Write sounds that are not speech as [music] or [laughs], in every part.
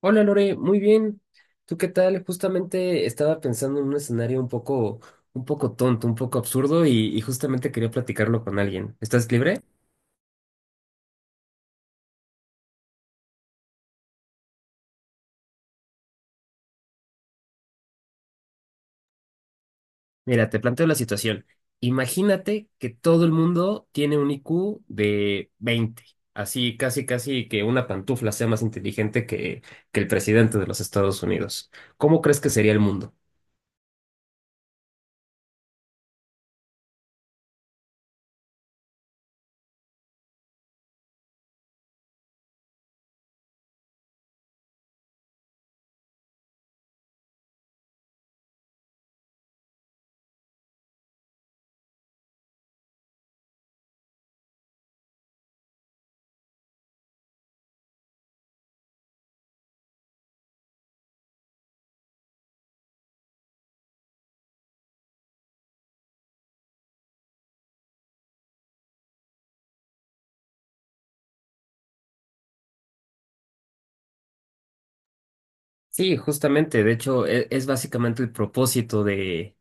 Hola Lore, muy bien. ¿Tú qué tal? Justamente estaba pensando en un escenario un poco tonto, un poco absurdo y justamente quería platicarlo con alguien. ¿Estás libre? Mira, te planteo la situación. Imagínate que todo el mundo tiene un IQ de 20, así casi casi que una pantufla sea más inteligente que el presidente de los Estados Unidos. ¿Cómo crees que sería el mundo? Sí, justamente, de hecho, es, básicamente el propósito de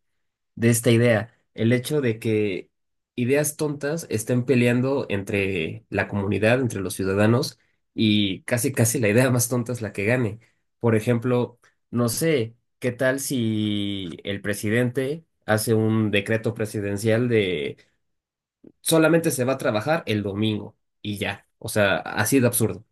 esta idea, el hecho de que ideas tontas estén peleando entre la comunidad, entre los ciudadanos, y casi casi la idea más tonta es la que gane. Por ejemplo, no sé, ¿qué tal si el presidente hace un decreto presidencial de solamente se va a trabajar el domingo y ya? O sea, así de absurdo.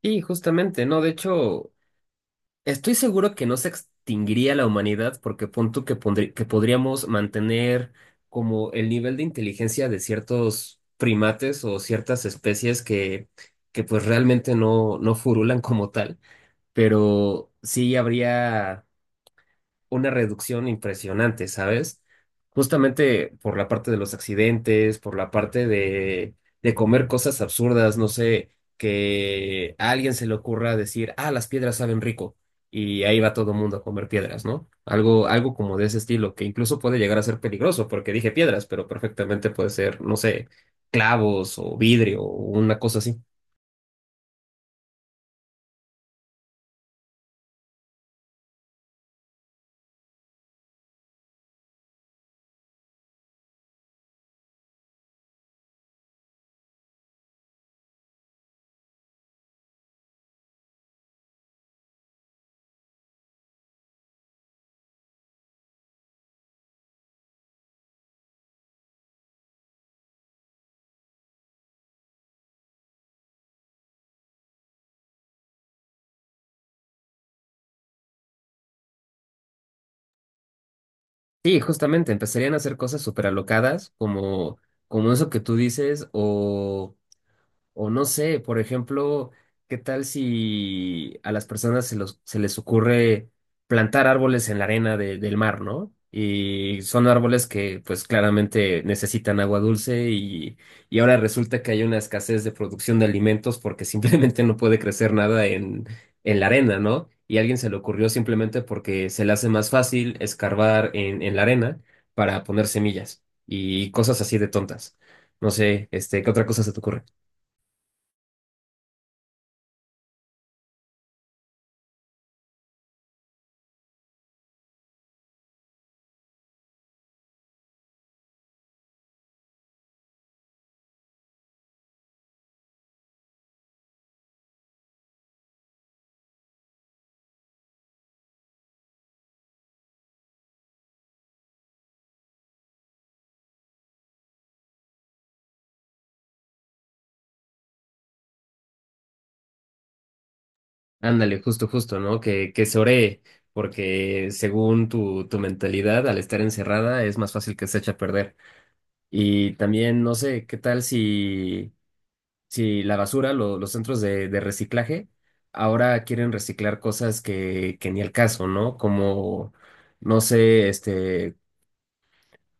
Y justamente, ¿no? De hecho, estoy seguro que no se extinguiría la humanidad porque pon tú que, que podríamos mantener como el nivel de inteligencia de ciertos primates o ciertas especies que pues realmente no, no furulan como tal, pero sí habría una reducción impresionante, ¿sabes? Justamente por la parte de los accidentes, por la parte de, comer cosas absurdas, no sé, que a alguien se le ocurra decir, ah, las piedras saben rico, y ahí va todo el mundo a comer piedras, ¿no? Algo, algo como de ese estilo, que incluso puede llegar a ser peligroso, porque dije piedras, pero perfectamente puede ser, no sé, clavos o vidrio o una cosa así. Sí, justamente, empezarían a hacer cosas súper alocadas, como, eso que tú dices, o no sé, por ejemplo, ¿qué tal si a las personas se, se les ocurre plantar árboles en la arena del mar, ¿no? Y son árboles que pues claramente necesitan agua dulce y ahora resulta que hay una escasez de producción de alimentos porque [laughs] simplemente no puede crecer nada en, la arena, ¿no? Y a alguien se le ocurrió simplemente porque se le hace más fácil escarbar en, la arena para poner semillas y cosas así de tontas. No sé, este, ¿qué otra cosa se te ocurre? Ándale, justo, justo, ¿no? Que se oree, porque según tu, tu mentalidad, al estar encerrada, es más fácil que se eche a perder. Y también, no sé, ¿qué tal si, si la basura, los centros de, reciclaje, ahora quieren reciclar cosas que, ni el caso, ¿no? Como, no sé, este,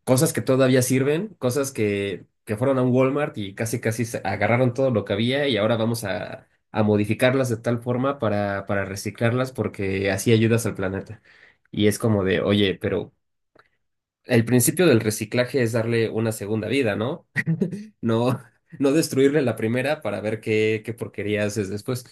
cosas que todavía sirven, cosas que, fueron a un Walmart y casi casi se agarraron todo lo que había y ahora vamos a, modificarlas de tal forma para reciclarlas porque así ayudas al planeta. Y es como de, oye, pero el principio del reciclaje es darle una segunda vida, ¿no? [laughs] No, no destruirle la primera para ver qué, porquería haces después.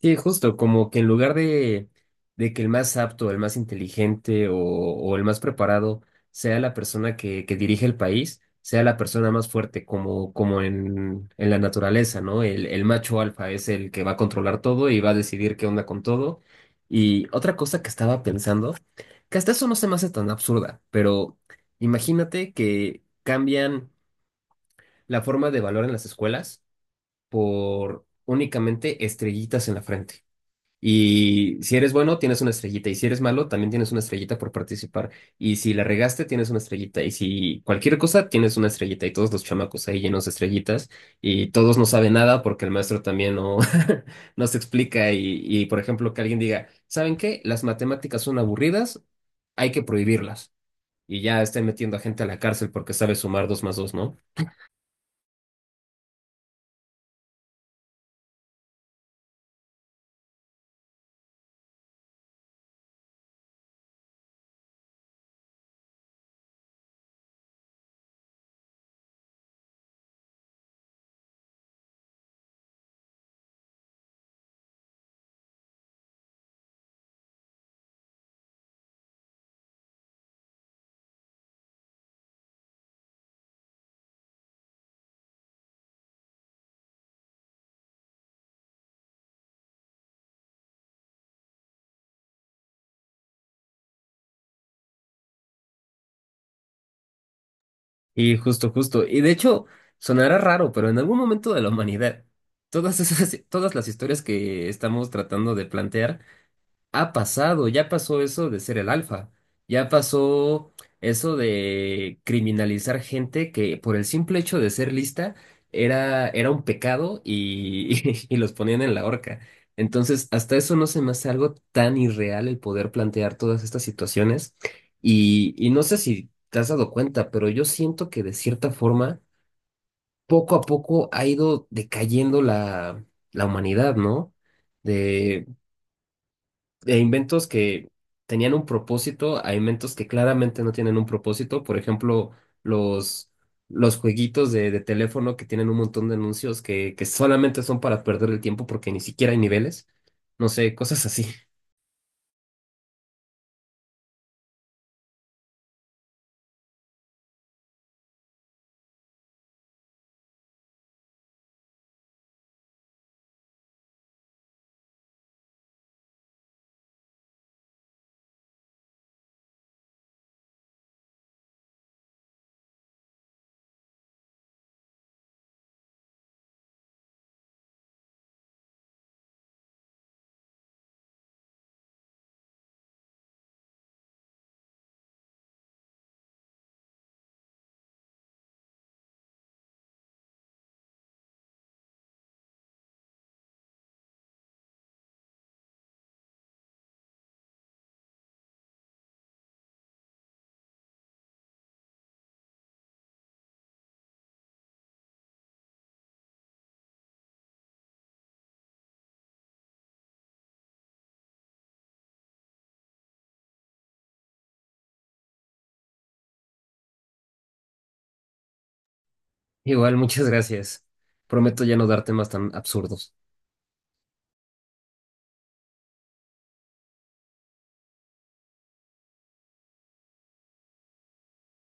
Sí, justo, como que en lugar de, que el más apto, el más inteligente o, el más preparado sea la persona que, dirige el país, sea la persona más fuerte, como, en, la naturaleza, ¿no? El, macho alfa es el que va a controlar todo y va a decidir qué onda con todo. Y otra cosa que estaba pensando, que hasta eso no se me hace tan absurda, pero imagínate que cambian la forma de valor en las escuelas por únicamente estrellitas en la frente. Y si eres bueno, tienes una estrellita. Y si eres malo, también tienes una estrellita por participar. Y si la regaste, tienes una estrellita. Y si cualquier cosa, tienes una estrellita. Y todos los chamacos ahí llenos de estrellitas. Y todos no saben nada porque el maestro también no, [laughs] no se explica. Y, por ejemplo, que alguien diga, ¿saben qué? Las matemáticas son aburridas, hay que prohibirlas. Y ya estén metiendo a gente a la cárcel porque sabe sumar dos más dos, ¿no? Y justo, justo. Y de hecho, sonará raro, pero en algún momento de la humanidad, todas esas, todas las historias que estamos tratando de plantear ha pasado, ya pasó eso de ser el alfa, ya pasó eso de criminalizar gente que por el simple hecho de ser lista era, un pecado y, [laughs] y los ponían en la horca. Entonces, hasta eso no se me hace algo tan irreal el poder plantear todas estas situaciones. Y, no sé si te has dado cuenta, pero yo siento que de cierta forma, poco a poco ha ido decayendo la, humanidad, ¿no? De inventos que tenían un propósito a inventos que claramente no tienen un propósito. Por ejemplo, los, jueguitos de, teléfono que tienen un montón de anuncios que, solamente son para perder el tiempo porque ni siquiera hay niveles. No sé, cosas así. [laughs] Igual, muchas gracias. Prometo ya no darte más tan absurdos.